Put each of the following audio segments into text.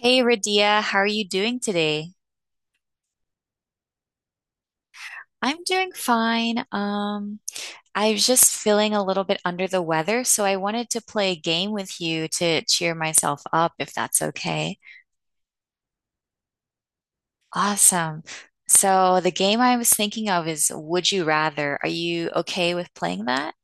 Hey Radia, how are you doing today? I'm doing fine. I was just feeling a little bit under the weather, so I wanted to play a game with you to cheer myself up, if that's okay. Awesome. So the game I was thinking of is Would You Rather? Are you okay with playing that?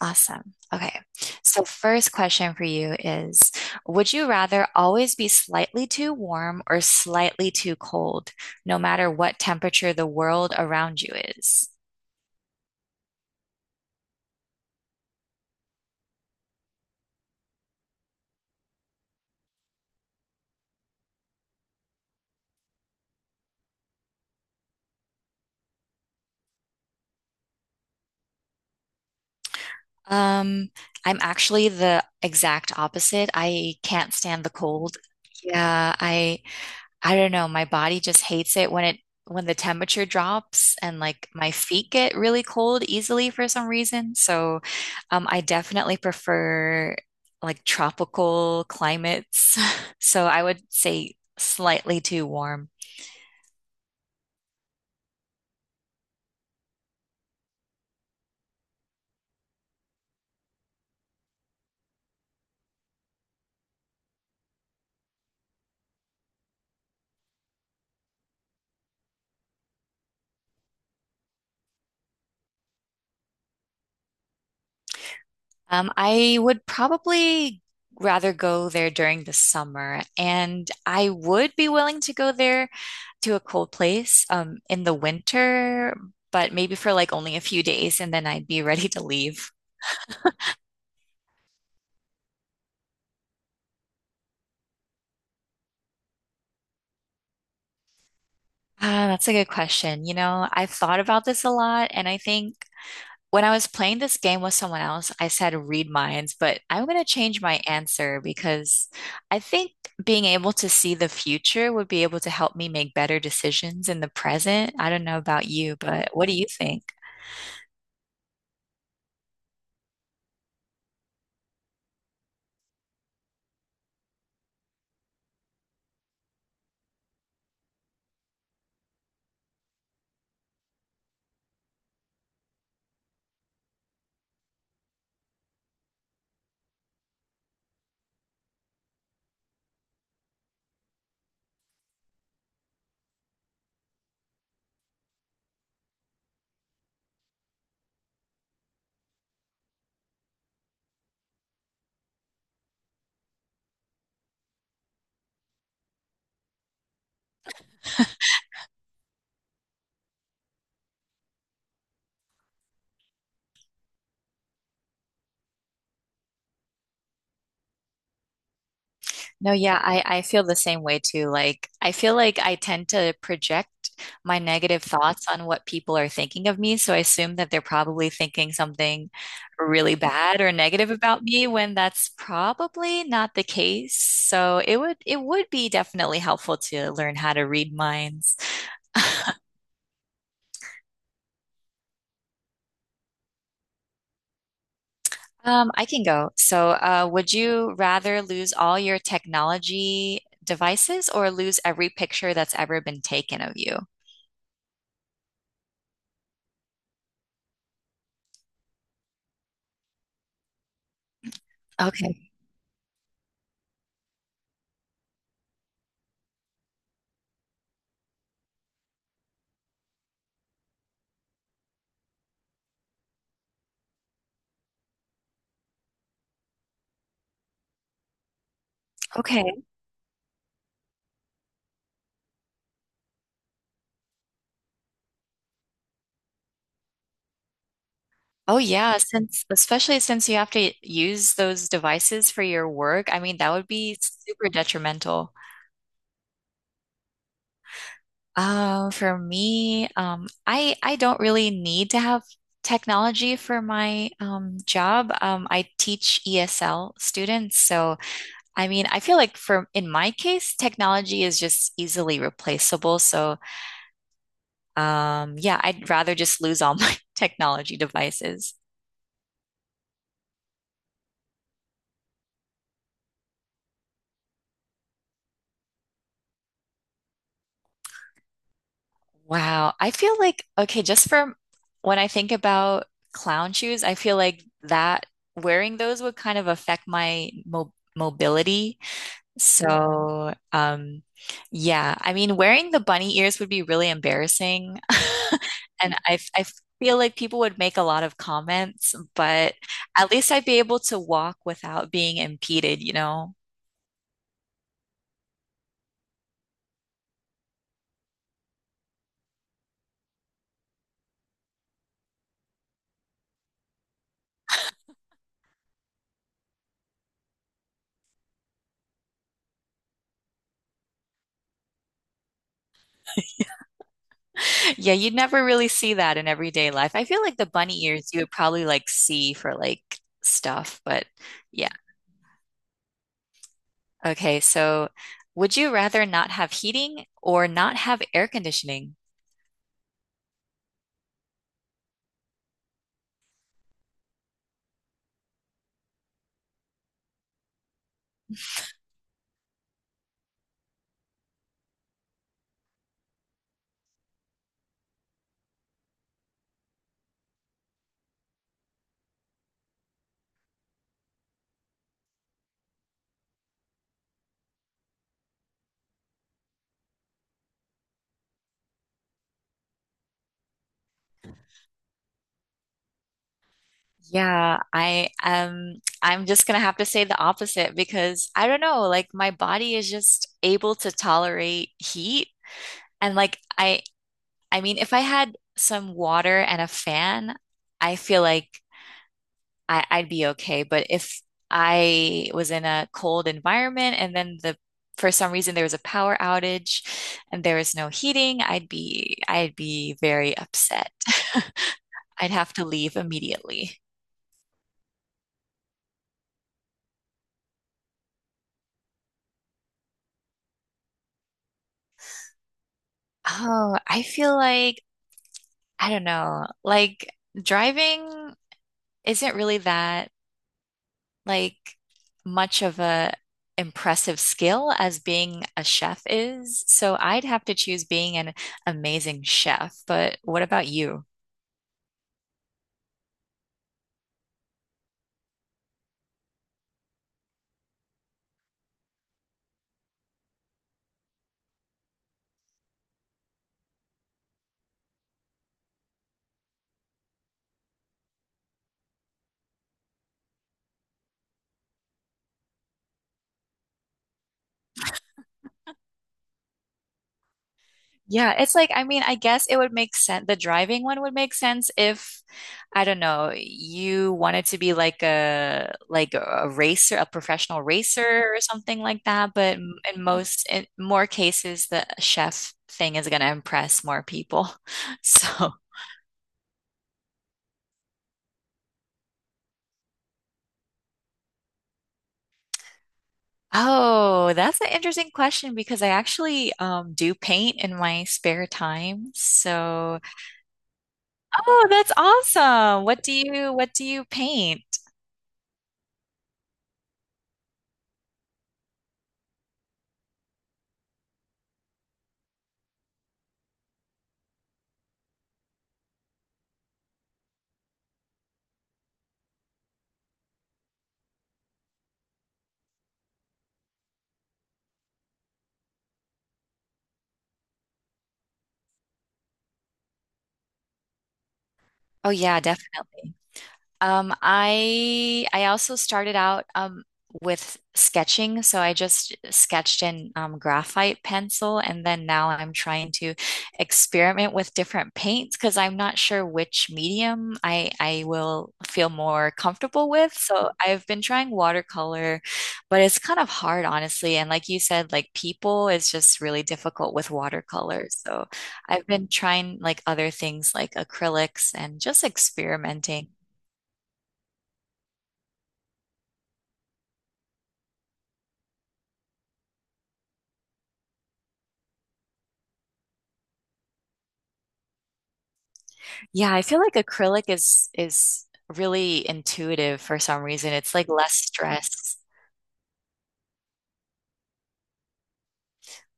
Awesome. Okay. So first question for you is, would you rather always be slightly too warm or slightly too cold, no matter what temperature the world around you is? Um, I'm actually the exact opposite. I can't stand the cold. Yeah, I don't know. My body just hates it when the temperature drops and like my feet get really cold easily for some reason. So, I definitely prefer like tropical climates. So I would say slightly too warm. I would probably rather go there during the summer, and I would be willing to go there to a cold place in the winter, but maybe for like only a few days and then I'd be ready to leave. Ah, that's a good question. You know, I've thought about this a lot, and I think when I was playing this game with someone else, I said read minds, but I'm going to change my answer because I think being able to see the future would be able to help me make better decisions in the present. I don't know about you, but what do you think? No, yeah, I feel the same way too. Like, I feel like I tend to project my negative thoughts on what people are thinking of me. So I assume that they're probably thinking something really bad or negative about me when that's probably not the case. So it would be definitely helpful to learn how to read minds. I can go. So, would you rather lose all your technology devices or lose every picture that's ever been taken of you? Okay. Okay. Oh yeah, since especially since you have to use those devices for your work, I mean that would be super detrimental. For me, I don't really need to have technology for my job. I teach ESL students, so I mean I feel like for in my case, technology is just easily replaceable. So yeah, I'd rather just lose all my technology devices. Wow. I feel like, okay, just for when I think about clown shoes, I feel like that wearing those would kind of affect my mo mobility. So, yeah, I mean, wearing the bunny ears would be really embarrassing. And I feel like people would make a lot of comments, but at least I'd be able to walk without being impeded, you know? Yeah, you'd never really see that in everyday life. I feel like the bunny ears you would probably like see for like stuff, but yeah. Okay, so would you rather not have heating or not have air conditioning? Yeah, I I'm just gonna have to say the opposite because I don't know, like my body is just able to tolerate heat and like I mean if I had some water and a fan, I feel like I'd be okay. But if I was in a cold environment and then the for some reason there was a power outage and there was no heating, I'd be very upset. I'd have to leave immediately. Oh, I feel like I don't know, like driving isn't really that like much of a impressive skill as being a chef is. So I'd have to choose being an amazing chef. But what about you? Yeah, it's like, I mean, I guess it would make sense. The driving one would make sense if, I don't know, you wanted to be like a racer, a professional racer or something like that. But in more cases, the chef thing is gonna impress more people. So, oh, that's an interesting question because I actually do paint in my spare time. So, oh, that's awesome. What do you paint? Oh yeah, definitely. I also started out with sketching, so I just sketched in graphite pencil, and then now I'm trying to experiment with different paints because I'm not sure which medium I will feel more comfortable with. So I've been trying watercolor, but it's kind of hard, honestly. And like you said, like people is just really difficult with watercolor. So I've been trying like other things like acrylics and just experimenting. Yeah, I feel like acrylic is really intuitive for some reason. It's like less stress.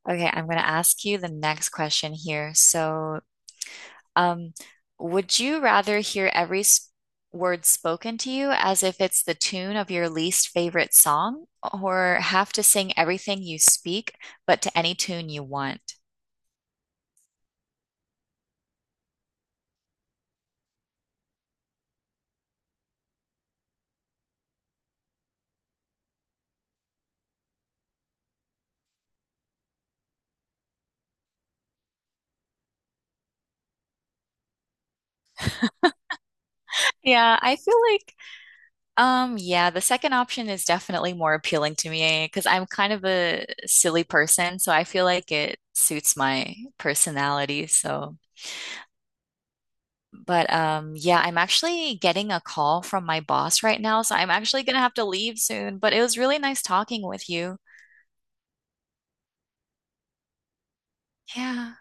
Okay, I'm going to ask you the next question here. So, um, would you rather hear every s word spoken to you as if it's the tune of your least favorite song, or have to sing everything you speak, but to any tune you want? Yeah, I feel like yeah, the second option is definitely more appealing to me because I'm kind of a silly person, so I feel like it suits my personality. So, but yeah, I'm actually getting a call from my boss right now, so I'm actually gonna have to leave soon, but it was really nice talking with you. Yeah.